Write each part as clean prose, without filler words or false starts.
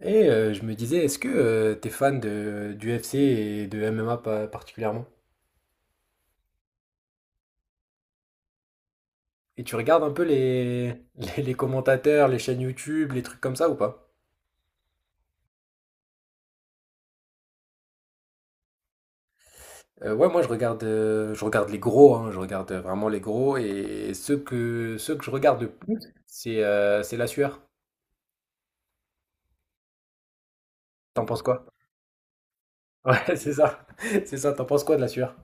Je me disais, est-ce que tu t'es fan de, du d'UFC et de MMA particulièrement? Et tu regardes un peu les commentateurs, les chaînes YouTube, les trucs comme ça ou pas? Ouais, moi je regarde les gros, hein, je regarde vraiment les gros et ceux que je regarde le plus, c'est la sueur. T'en penses quoi? Ouais, c'est ça. C'est ça, t'en penses quoi de la sueur?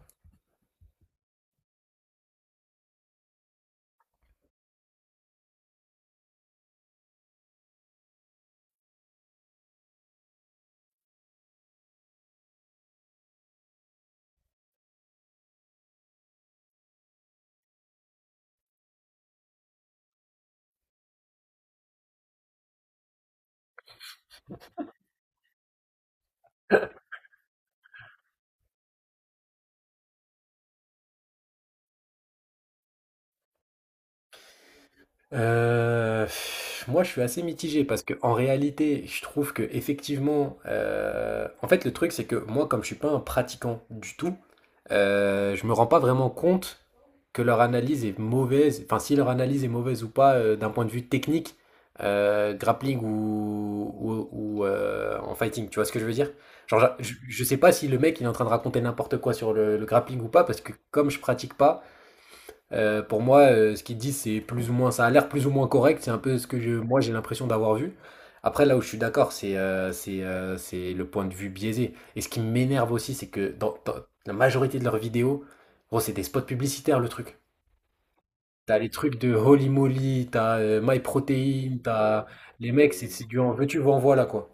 Euh, Moi, je suis assez mitigé parce que en réalité, je trouve que effectivement, en fait, le truc c'est que moi, comme je suis pas un pratiquant du tout, je me rends pas vraiment compte que leur analyse est mauvaise. Enfin, si leur analyse est mauvaise ou pas, d'un point de vue technique, grappling ou en fighting. Tu vois ce que je veux dire? Genre, je sais pas si le mec il est en train de raconter n'importe quoi sur le grappling ou pas parce que comme je pratique pas. Pour moi, ce qu'ils disent, c'est plus ou moins, ça a l'air plus ou moins correct. C'est un peu ce que moi, j'ai l'impression d'avoir vu. Après, là où je suis d'accord, c'est le point de vue biaisé. Et ce qui m'énerve aussi, c'est que dans la majorité de leurs vidéos, gros, c'est des spots publicitaires, le truc. T'as les trucs de Holy Moly, t'as MyProtein, t'as les mecs, c'est du en veux-tu, en voilà quoi.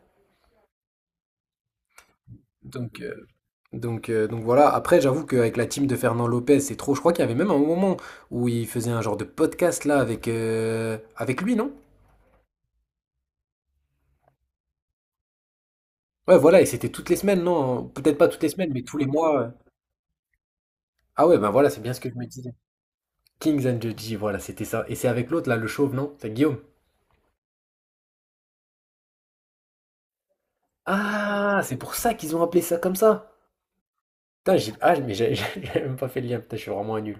Donc, euh, donc voilà. Après, j'avoue qu'avec la team de Fernand Lopez, c'est trop. Je crois qu'il y avait même un moment où il faisait un genre de podcast là avec lui, non? Ouais, voilà, et c'était toutes les semaines, non? Peut-être pas toutes les semaines, mais tous les mois. Ah ouais, ben voilà, c'est bien ce que je me disais. Kings and Judgy, voilà, c'était ça. Et c'est avec l'autre, là, le chauve, non? C'est Guillaume. Ah, c'est pour ça qu'ils ont appelé ça comme ça. Putain, Ah, mais j'ai j'avais même pas fait le lien. Putain, je suis vraiment un nul.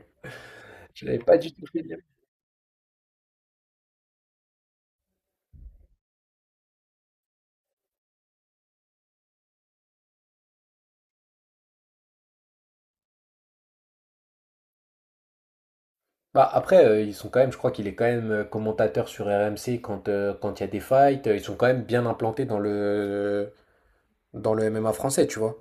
Je l'avais pas du tout fait le lien. Bah, après, ils sont quand même, je crois qu'il est quand même commentateur sur RMC quand il y a des fights. Ils sont quand même bien implantés dans dans le MMA français, tu vois.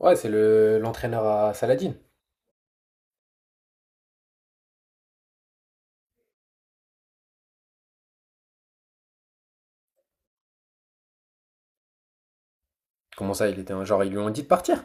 Ouais, c'est le l'entraîneur à Saladin. Comment ça, il était un genre, ils lui ont dit de partir?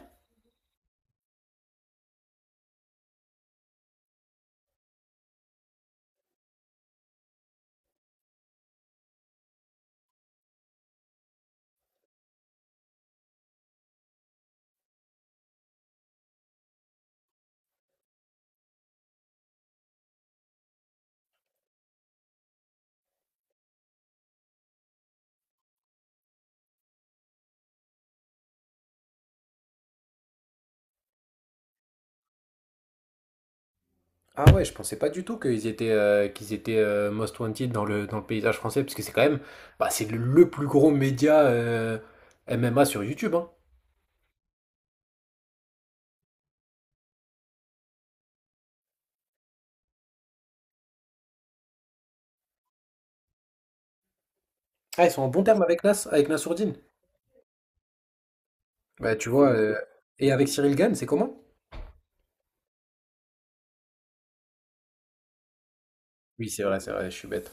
Ah ouais, je pensais pas du tout qu'ils étaient most wanted dans dans le paysage français, parce que c'est quand même, bah, c'est le plus gros média MMA sur YouTube, hein. Ah, ils sont en bon terme avec avec Nassourdine. Bah tu vois, et avec Cyril Gann, c'est comment? Oui, c'est vrai, je suis bête.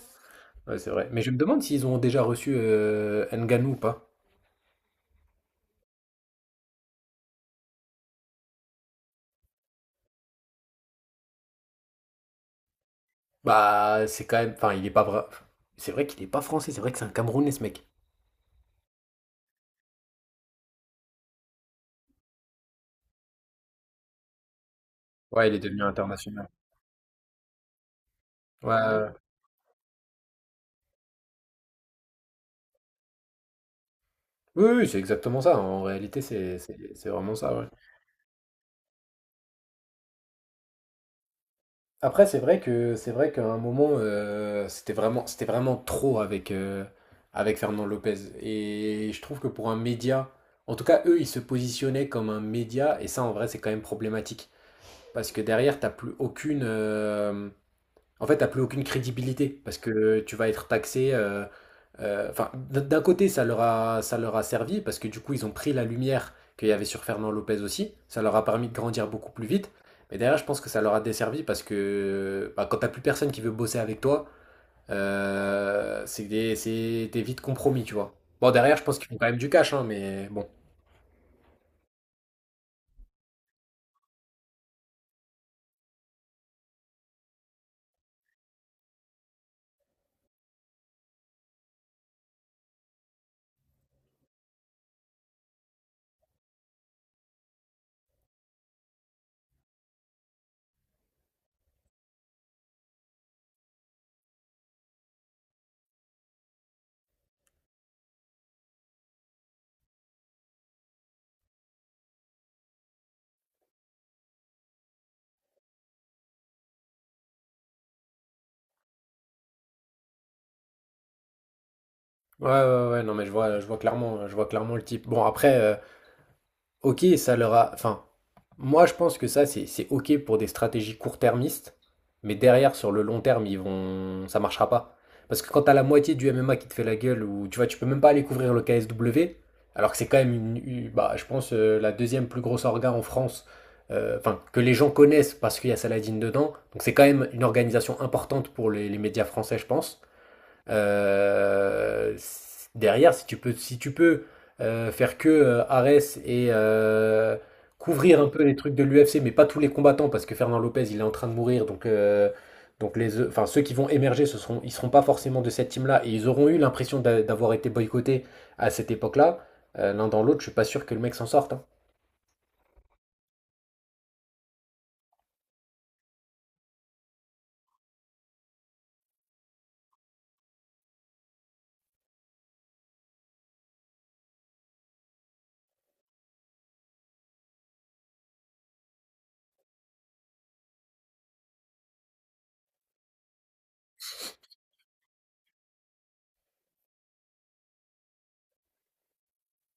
Ouais, c'est vrai. Mais je me demande s'ils ont déjà reçu Ngannou ou pas. Bah c'est quand même, enfin il est pas vrai. C'est vrai qu'il est pas français, c'est vrai que c'est un Camerounais ce mec. Ouais, il est devenu international. Ouais, ouais. Oui, oui, c'est exactement ça. En réalité, c'est vraiment ça, ouais. Après, c'est vrai que c'est vrai qu'à un moment, c'était vraiment trop avec Fernand Lopez. Et je trouve que pour un média, en tout cas, eux, ils se positionnaient comme un média, et ça, en vrai, c'est quand même problématique. Parce que derrière, t'as plus aucune crédibilité parce que tu vas être taxé. Enfin, d'un côté, ça leur a servi parce que du coup, ils ont pris la lumière qu'il y avait sur Fernand Lopez aussi. Ça leur a permis de grandir beaucoup plus vite. Mais derrière, je pense que ça leur a desservi parce que bah, quand t'as plus personne qui veut bosser avec toi, t'es vite compromis, tu vois. Bon, derrière, je pense qu'ils font quand même du cash, hein, mais bon. Ouais, ouais, ouais, non, mais je vois, je vois clairement le type. Bon, après. Ok, ça leur a. Enfin, moi je pense que ça c'est ok pour des stratégies court-termistes, mais derrière sur le long terme ça marchera pas. Parce que quand t'as la moitié du MMA qui te fait la gueule ou tu vois tu peux même pas aller couvrir le KSW, alors que c'est quand même bah je pense la deuxième plus grosse orga en France, enfin que les gens connaissent parce qu'il y a Saladin dedans, donc c'est quand même une organisation importante pour les médias français je pense. Euh, Derrière, si tu peux faire que Ares et couvrir un peu les trucs de l'UFC, mais pas tous les combattants, parce que Fernand Lopez, il est en train de mourir, donc enfin, ceux qui vont émerger, ils seront pas forcément de cette team-là, et ils auront eu l'impression d'avoir été boycottés à cette époque-là. L'un dans l'autre, je suis pas sûr que le mec s'en sorte, hein.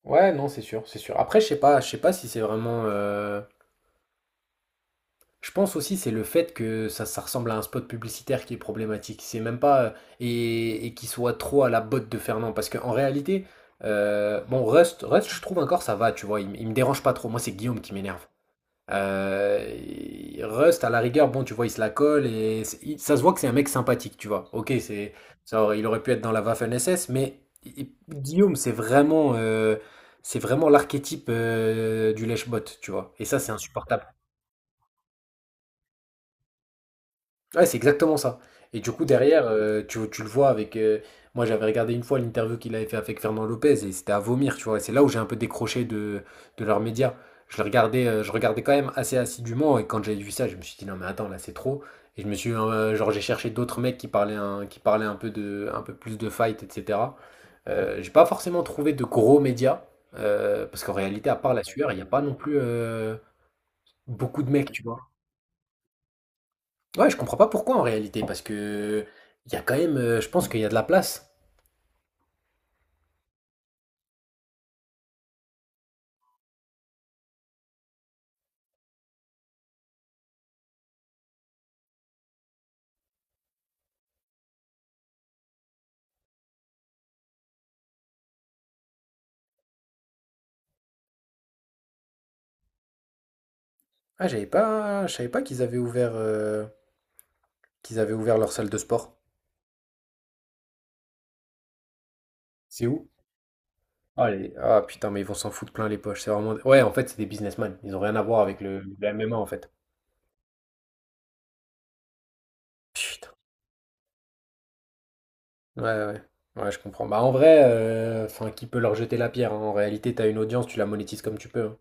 Ouais, non, c'est sûr, c'est sûr. Après, je sais pas si c'est vraiment. Je pense aussi c'est le fait que ça ressemble à un spot publicitaire qui est problématique. C'est même pas, et qui soit trop à la botte de Fernand parce qu'en réalité, bon Rust je trouve encore ça va, tu vois, il me dérange pas trop. Moi c'est Guillaume qui m'énerve. Et Rust à la rigueur, bon tu vois il se la colle et ça se voit que c'est un mec sympathique, tu vois. Ok c'est ça, il aurait pu être dans la Waffen-SS, mais Guillaume c'est vraiment l'archétype du lèche-botte, tu vois. Et ça c'est insupportable. Ouais, c'est exactement ça. Et du coup, derrière, tu le vois avec. Moi, j'avais regardé une fois l'interview qu'il avait fait avec Fernand Lopez et c'était à vomir, tu vois. Et c'est là où j'ai un peu décroché de leurs médias. Je regardais quand même assez assidûment et quand j'ai vu ça, je me suis dit non, mais attends, là, c'est trop. Et je me suis. Genre, j'ai cherché d'autres mecs qui parlaient qui parlaient un peu, un peu plus de fight, etc. J'ai pas forcément trouvé de gros médias parce qu'en réalité, à part la sueur, il n'y a pas non plus beaucoup de mecs, tu vois. Ouais, je comprends pas pourquoi en réalité, parce que il y a quand même, je pense qu'il y a de la place. Ah, j'avais pas, je savais pas qu'ils avaient ouvert leur salle de sport. C'est où? Ah, putain, mais ils vont s'en foutre plein les poches. C'est vraiment, ouais, en fait, c'est des businessmen. Ils ont rien à voir avec le MMA en fait. Putain. Ouais, ouais. Ouais, je comprends. Bah en vrai, enfin, qui peut leur jeter la pierre, hein. En réalité, t'as une audience, tu la monétises comme tu peux, hein.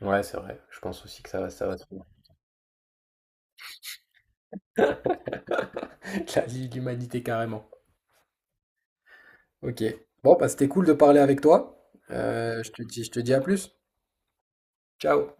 Ouais, c'est vrai. Je pense aussi que ça, ça va se faire. La Ligue de l'humanité carrément. Ok. Bon, bah, c'était cool de parler avec toi. Je te dis à plus. Ciao.